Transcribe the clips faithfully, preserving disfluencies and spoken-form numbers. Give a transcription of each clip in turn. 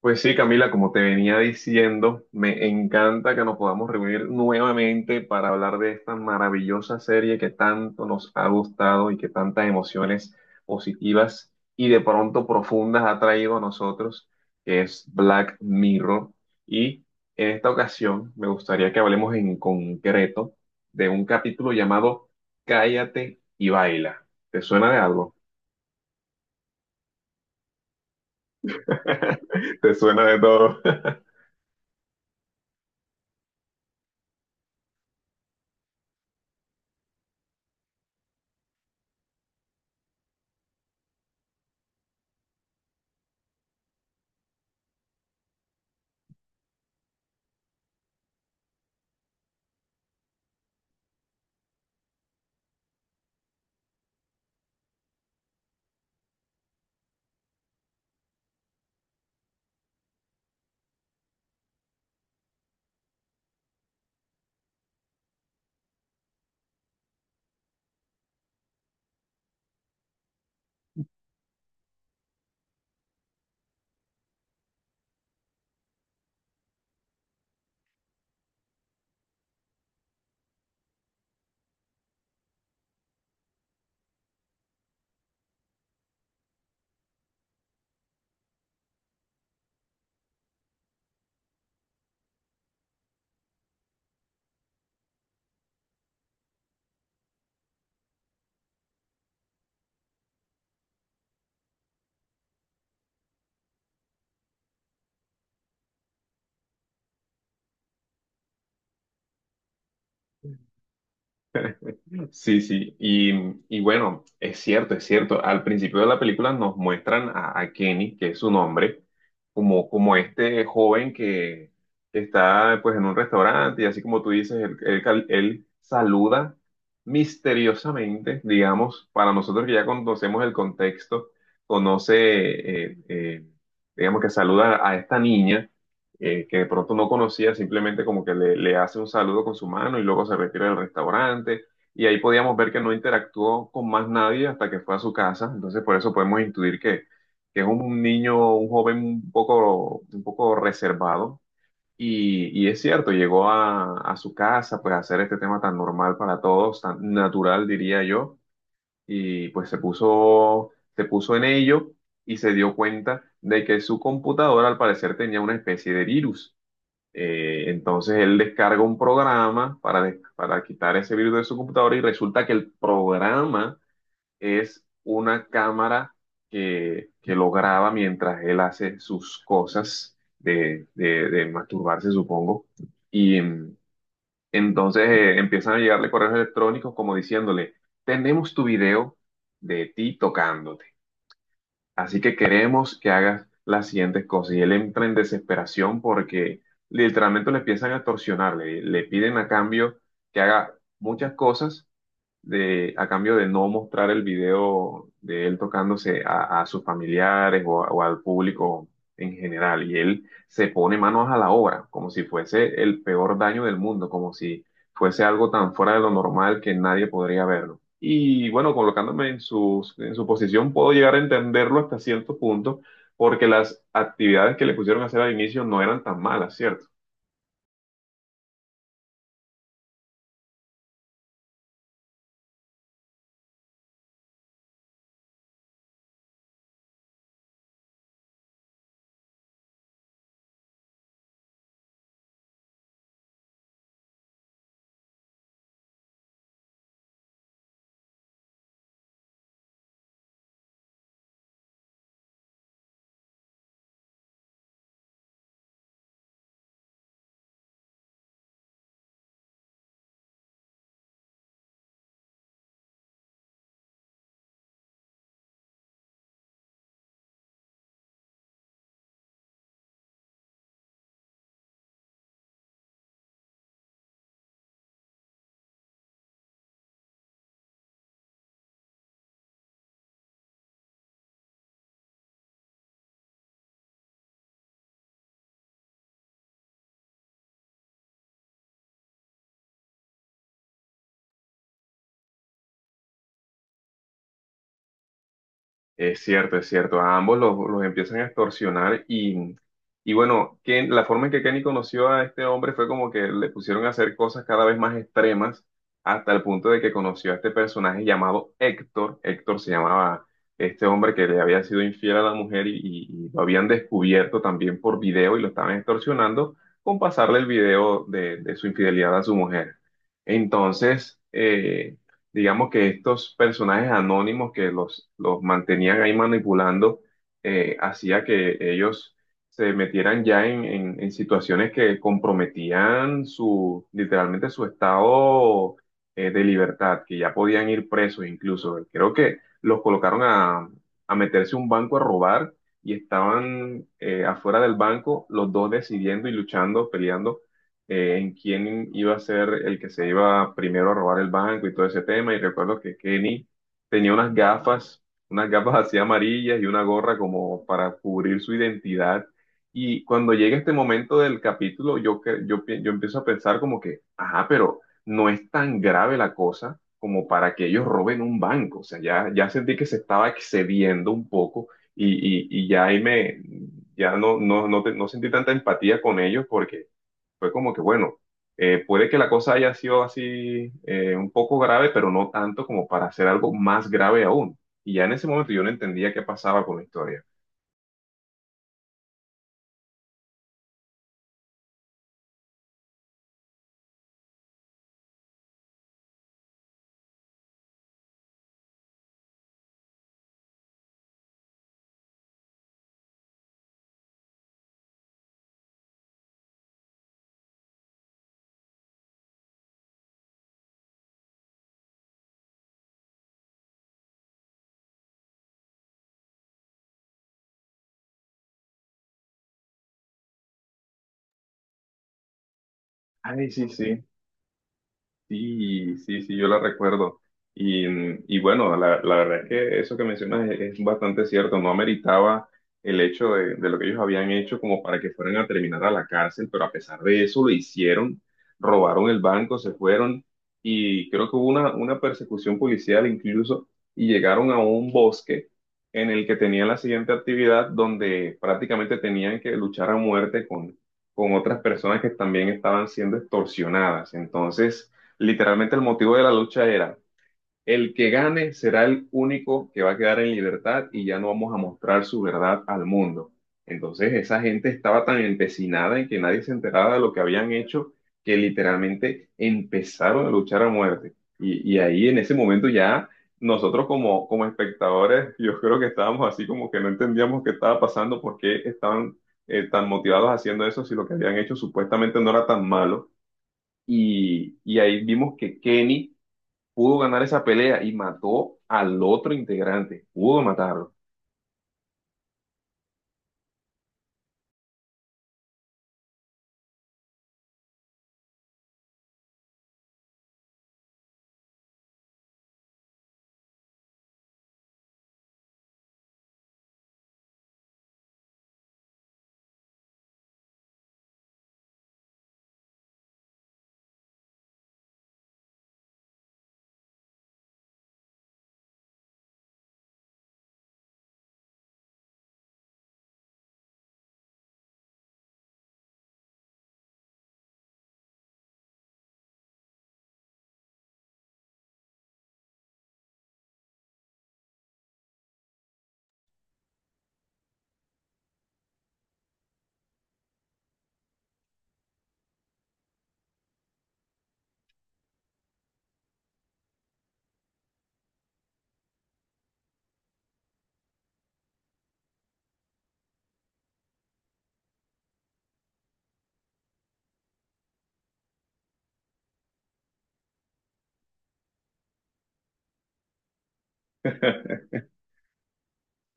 Pues sí, Camila, como te venía diciendo, me encanta que nos podamos reunir nuevamente para hablar de esta maravillosa serie que tanto nos ha gustado y que tantas emociones positivas y de pronto profundas ha traído a nosotros, que es Black Mirror. Y en esta ocasión me gustaría que hablemos en concreto de un capítulo llamado Cállate y baila. ¿Te suena de algo? ¿Te suena de todo? Sí, sí, y, y bueno, es cierto, es cierto. Al principio de la película nos muestran a, a Kenny, que es su nombre, como, como este joven que está pues en un restaurante y así como tú dices, él, él cal- él saluda misteriosamente, digamos, para nosotros que ya conocemos el contexto, conoce, eh, eh, digamos que saluda a esta niña, eh, que de pronto no conocía, simplemente como que le, le hace un saludo con su mano y luego se retira del restaurante y ahí podíamos ver que no interactuó con más nadie hasta que fue a su casa. Entonces, por eso podemos intuir que, que es un niño, un joven un poco, un poco reservado. Y, y es cierto, llegó a, a su casa, pues a hacer este tema tan normal para todos, tan natural, diría yo, y pues se puso, se puso en ello y se dio cuenta de que su computadora al parecer tenía una especie de virus. Eh, entonces él descarga un programa para, des- para quitar ese virus de su computadora y resulta que el programa es una cámara que, que lo graba mientras él hace sus cosas de, de- de masturbarse, supongo. Y mm, entonces eh, empiezan a llegarle correos electrónicos como diciéndole, tenemos tu video de ti tocándote. Así que queremos que hagas las siguientes cosas. Y él entra en desesperación porque literalmente le empiezan a torsionar, le, le piden a cambio que haga muchas cosas de, a cambio de no mostrar el video de él tocándose a, a sus familiares o, a- o al público en general. Y él se pone manos a la obra, como si fuese el peor daño del mundo, como si fuese algo tan fuera de lo normal que nadie podría verlo. Y bueno, colocándome en su, en su posición, puedo llegar a entenderlo hasta cierto punto, porque las actividades que le pusieron a hacer al inicio no eran tan malas, ¿cierto? Es cierto, es cierto. A ambos los, los empiezan a extorsionar y, y bueno, Ken- la forma en que Kenny conoció a este hombre fue como que le pusieron a hacer cosas cada vez más extremas hasta el punto de que conoció a este personaje llamado Héctor. Héctor se llamaba este hombre que le había sido infiel a la mujer y, y- y lo habían descubierto también por video y lo estaban extorsionando con pasarle el video de, de su infidelidad a su mujer. Entonces, eh, digamos que estos personajes anónimos que los, los mantenían ahí manipulando, eh, hacía que ellos se metieran ya en, en- en situaciones que comprometían su, literalmente su estado eh, de libertad, que ya podían ir presos incluso. Creo que los colocaron a, a meterse a un banco a robar y estaban eh, afuera del banco los dos decidiendo y luchando, peleando, eh, en quién iba a ser el que se iba primero a robar el banco y todo ese tema. Y recuerdo que Kenny tenía unas gafas, unas gafas así amarillas y una gorra como para cubrir su identidad. Y cuando llega este momento del capítulo, yo, que- yo, pi- yo empiezo a pensar como que, ajá, pero no es tan grave la cosa como para que ellos roben un banco. O sea, ya, ya sentí que se estaba excediendo un poco y, y, y ya ahí me, ya no, no, no, te- no sentí tanta empatía con ellos porque fue como que, bueno, eh, puede que la cosa haya sido así, eh, un poco grave, pero no tanto como para hacer algo más grave aún. Y ya en ese momento yo no entendía qué pasaba con la historia. Ay, sí, sí. Sí, sí, sí, yo la recuerdo. Y, y bueno, la, la verdad es que eso que mencionas es, es bastante cierto. No ameritaba el hecho de, de lo que ellos habían hecho como para que fueran a terminar a la cárcel, pero a pesar de eso lo hicieron, robaron el banco, se fueron y creo que hubo una, una persecución policial incluso y llegaron a un bosque en el que tenían la siguiente actividad donde prácticamente tenían que luchar a muerte con, con otras personas que también estaban siendo extorsionadas. Entonces... Literalmente el motivo de la lucha era, el que gane será el único que va a quedar en libertad y ya no vamos a mostrar su verdad al mundo. Entonces esa gente estaba tan empecinada en que nadie se enterara de lo que habían hecho que literalmente empezaron a luchar a muerte. Y, y ahí en ese momento ya nosotros como, como espectadores, yo creo que estábamos así como que no entendíamos qué estaba pasando, por qué estaban eh, tan motivados haciendo eso si lo que habían hecho supuestamente no era tan malo. Y, y ahí vimos que Kenny pudo ganar esa pelea y mató al otro integrante, pudo matarlo.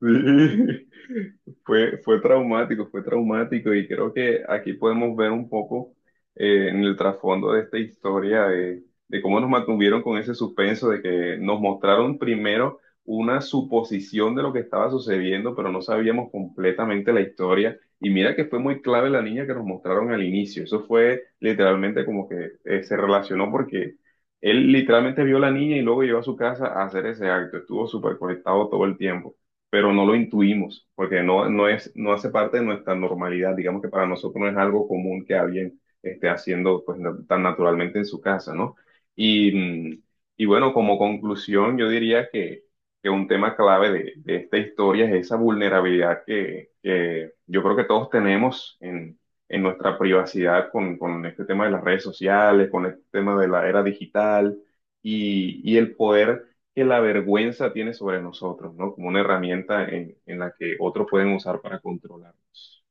Sí, fue, fue traumático, fue traumático y creo que aquí podemos ver un poco, eh, en el trasfondo de esta historia de, de cómo nos mantuvieron con ese suspenso de que nos mostraron primero una suposición de lo que estaba sucediendo, pero no sabíamos completamente la historia. Y mira que fue muy clave la niña que nos mostraron al inicio. Eso fue literalmente como que, eh, se relacionó porque él literalmente vio a la niña y luego llegó a su casa a hacer ese acto. Estuvo súper conectado todo el tiempo pero no lo intuimos, porque no, no es, no hace parte de nuestra normalidad. Digamos que para nosotros no es algo común que alguien esté haciendo pues, na- tan naturalmente en su casa, ¿no? Y, mm, y bueno, como conclusión, yo diría que, que un tema clave de, de esta historia es esa vulnerabilidad que, que yo creo que todos tenemos en, en nuestra privacidad con, con este tema de las redes sociales, con este tema de la era digital. Y, y el poder que la vergüenza tiene sobre nosotros, ¿no? Como una herramienta en, en la que otros pueden usar para controlarnos.